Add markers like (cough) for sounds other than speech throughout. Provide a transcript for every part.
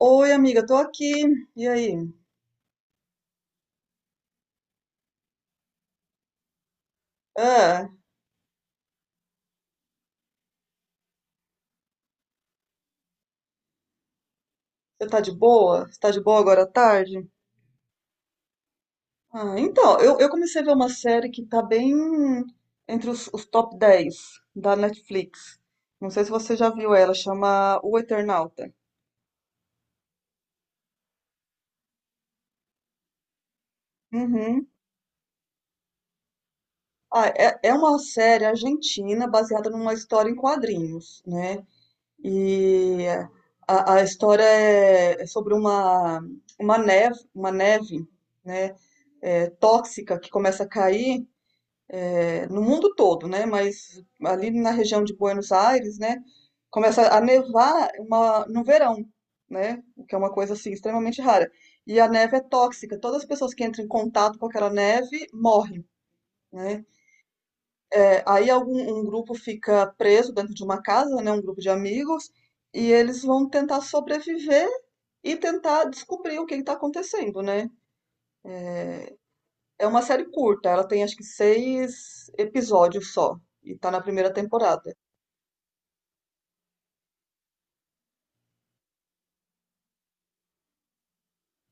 Oi, amiga, tô aqui. E aí? Ah, você tá de boa? Você tá de boa agora à tarde? Ah, então, eu comecei a ver uma série que tá bem entre os top 10 da Netflix. Não sei se você já viu ela, chama O Eternauta. Uhum. Ah, é, é uma série argentina baseada numa história em quadrinhos, né? E a história é sobre uma neve, uma neve, né? é, tóxica que começa a cair é, no mundo todo, né? Mas ali na região de Buenos Aires, né? Começa a nevar no verão, né? O que é uma coisa assim extremamente rara. E a neve é tóxica. Todas as pessoas que entram em contato com aquela neve morrem, né? É, aí algum um grupo fica preso dentro de uma casa, né? Um grupo de amigos e eles vão tentar sobreviver e tentar descobrir o que está acontecendo, né? É uma série curta, ela tem acho que seis episódios só e tá na primeira temporada.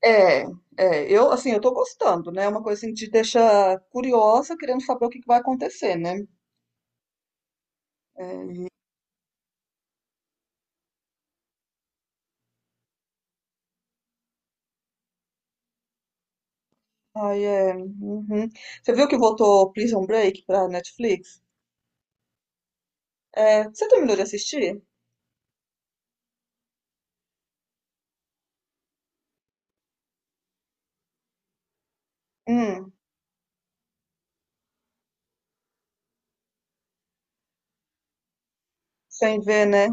É, é, eu assim, eu tô gostando, né? É uma coisa assim, que te deixa curiosa, querendo saber o que que vai acontecer, né? Ai, é. Uhum. Você viu que voltou Prison Break pra Netflix? É, você terminou de assistir? Hum, sem ver, né?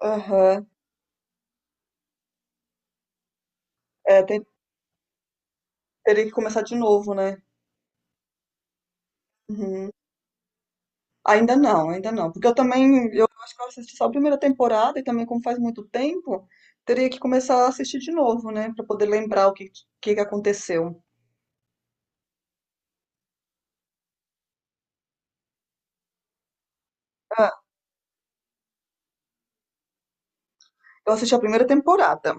Aham. É, teria que começar de novo, né? Uhum. Ainda não, ainda não. Porque eu também, eu acho que eu assisti só a primeira temporada e também, como faz muito tempo, teria que começar a assistir de novo, né? Pra poder lembrar o que, que aconteceu. Ah, eu assisti a primeira temporada.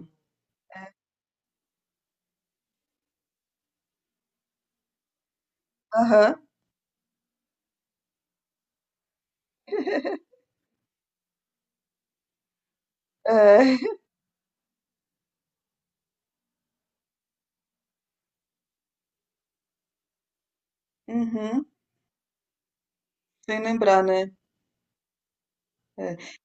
Aham, é. Uhum, sem lembrar, né? É.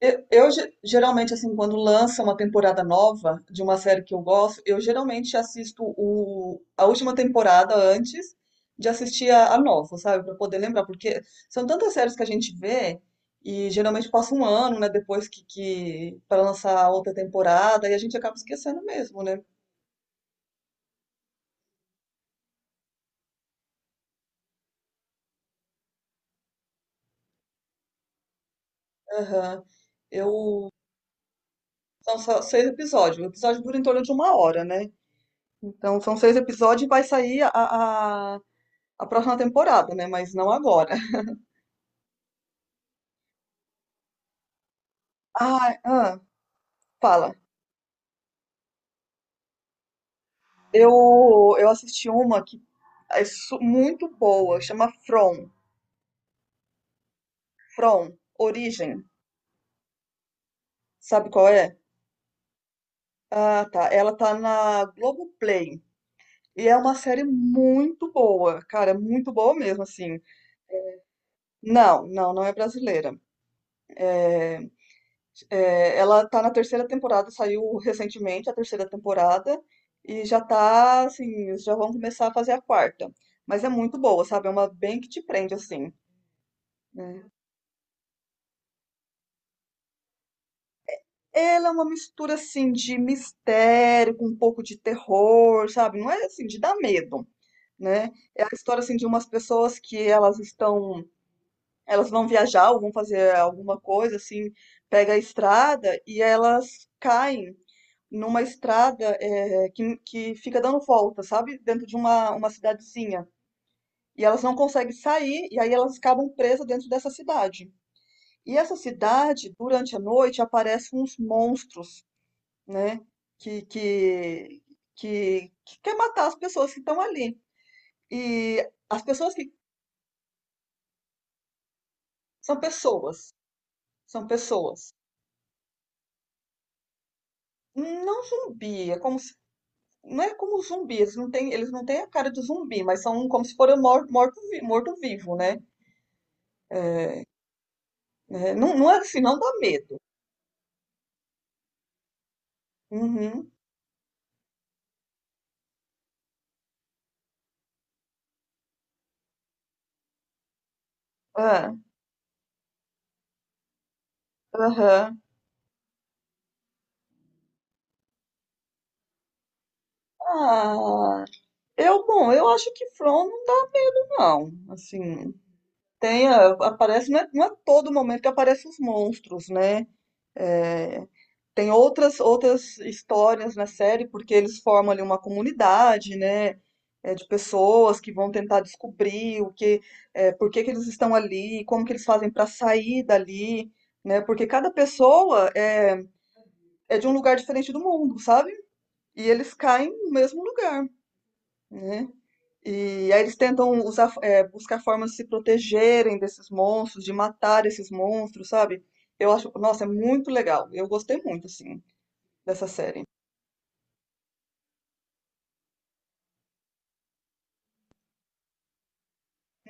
Eu geralmente, assim, quando lança uma temporada nova de uma série que eu gosto, eu geralmente assisto a última temporada antes de assistir a nova, sabe? Pra poder lembrar, porque são tantas séries que a gente vê e geralmente passa um ano, né, depois que para lançar a outra temporada e a gente acaba esquecendo mesmo, né? Aham. Eu. São só seis episódios. O episódio dura em torno de uma hora, né? Então, são seis episódios e vai sair a, a próxima temporada, né? Mas não agora. (laughs) Ah, fala. Eu, eu assisti uma que é muito boa, chama From. From, Origem. Sabe qual é? Ah, tá. Ela tá na Globoplay. E é uma série muito boa, cara, muito boa mesmo, assim. Não, não, não é brasileira. É, ela tá na terceira temporada, saiu recentemente a terceira temporada e já tá, assim, já vão começar a fazer a quarta. Mas é muito boa, sabe? É uma bem que te prende, assim, né? Ela é uma mistura, assim, de mistério com um pouco de terror, sabe? Não é, assim, de dar medo, né? É a história, assim, de umas pessoas que elas estão. Elas vão viajar ou vão fazer alguma coisa, assim, pega a estrada e elas caem numa estrada é, que fica dando volta, sabe? Dentro de uma cidadezinha. E elas não conseguem sair, e aí elas acabam presas dentro dessa cidade. E essa cidade, durante a noite, aparecem uns monstros, né? Que, que, que quer matar as pessoas que estão ali. E as pessoas que são pessoas, são pessoas. Não zumbi, é como se, não é como zumbi, eles não têm a cara de zumbi, mas são como se foram morto vivo, né? É, não, não é assim, não dá medo. Uhum. É, aham. Ah, eu, bom, eu acho que From não dá, não. Assim, tem, aparece, não é todo momento que aparecem os monstros, né? É, tem outras histórias na série, porque eles formam ali uma comunidade, né? É, de pessoas que vão tentar descobrir o que, é, por que que eles estão ali, como que eles fazem para sair dali, né? Porque cada pessoa é, de um lugar diferente do mundo, sabe? E eles caem no mesmo lugar, né? E aí eles tentam usar, é, buscar formas de se protegerem desses monstros, de matar esses monstros, sabe? Eu acho, nossa, é muito legal. Eu gostei muito, assim, dessa série.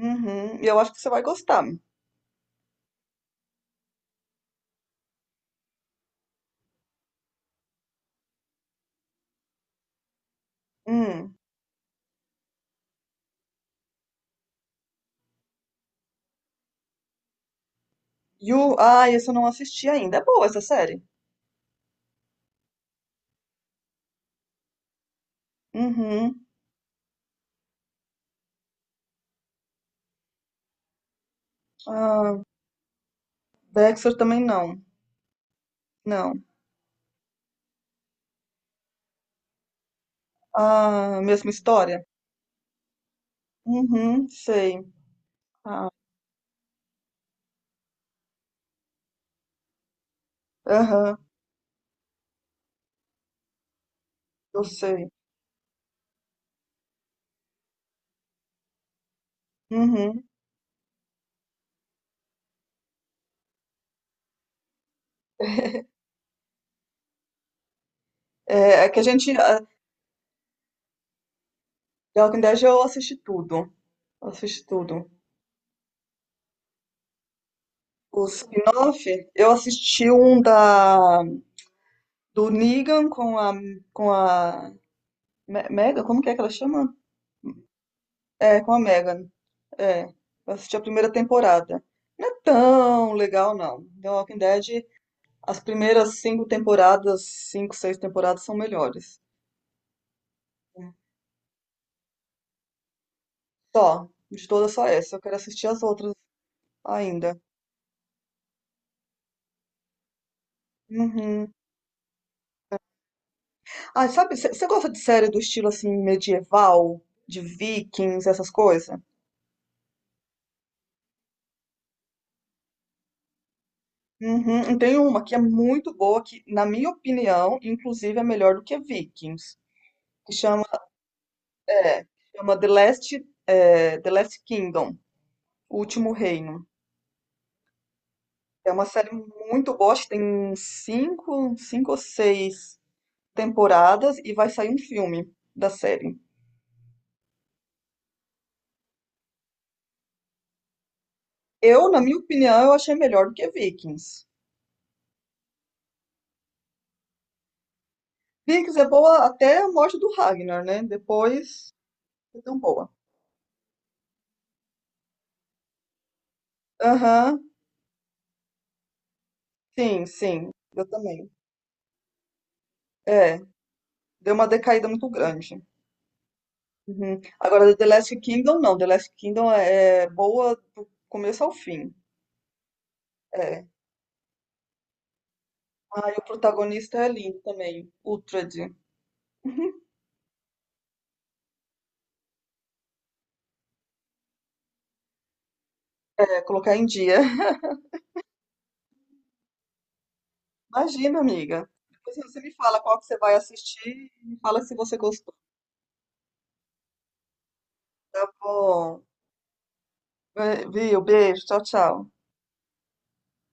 Uhum, e eu acho que você vai gostar. Hum. You, ah, esse eu não assisti ainda. É boa essa série. Uhum. Ah, Dexter também não. Não. Ah, mesma história? Uhum, sei. Ah, aham, eu sei. Uhum. É, é que a gente. The Walking Dead eu assisti tudo. Eu assisti tudo. O spin-off, eu assisti um do Negan com a Mega, como que é que ela chama? É, com a Megan. É, eu assisti a primeira temporada. Não é tão legal, não. The Walking Dead, as primeiras cinco temporadas, cinco, seis temporadas são melhores. Só, de todas só essa. Eu quero assistir as outras ainda. Uhum. Ah, sabe, você gosta de série do estilo assim medieval, de Vikings, essas coisas? Uhum, e tem uma que é muito boa, que na minha opinião, inclusive é melhor do que Vikings, que é, chama The Last Kingdom, O Último Reino. É uma série muito boa, acho que tem uns cinco, cinco ou seis temporadas e vai sair um filme da série. Eu, na minha opinião, eu achei melhor do que Vikings. Vikings é boa até a morte do Ragnar, né? Depois é tão boa. Aham, sim, sim, eu também. É, deu uma decaída muito grande. Uhum. Agora, The Last Kingdom, não. The Last Kingdom é boa do começo ao fim. É. Ah, e o protagonista é lindo também, Uhtred. Uhum. É, colocar em dia. (laughs) Imagina, amiga. Depois você me fala qual que você vai assistir e me fala se você gostou. Tá bom, é, viu? Beijo, tchau, tchau.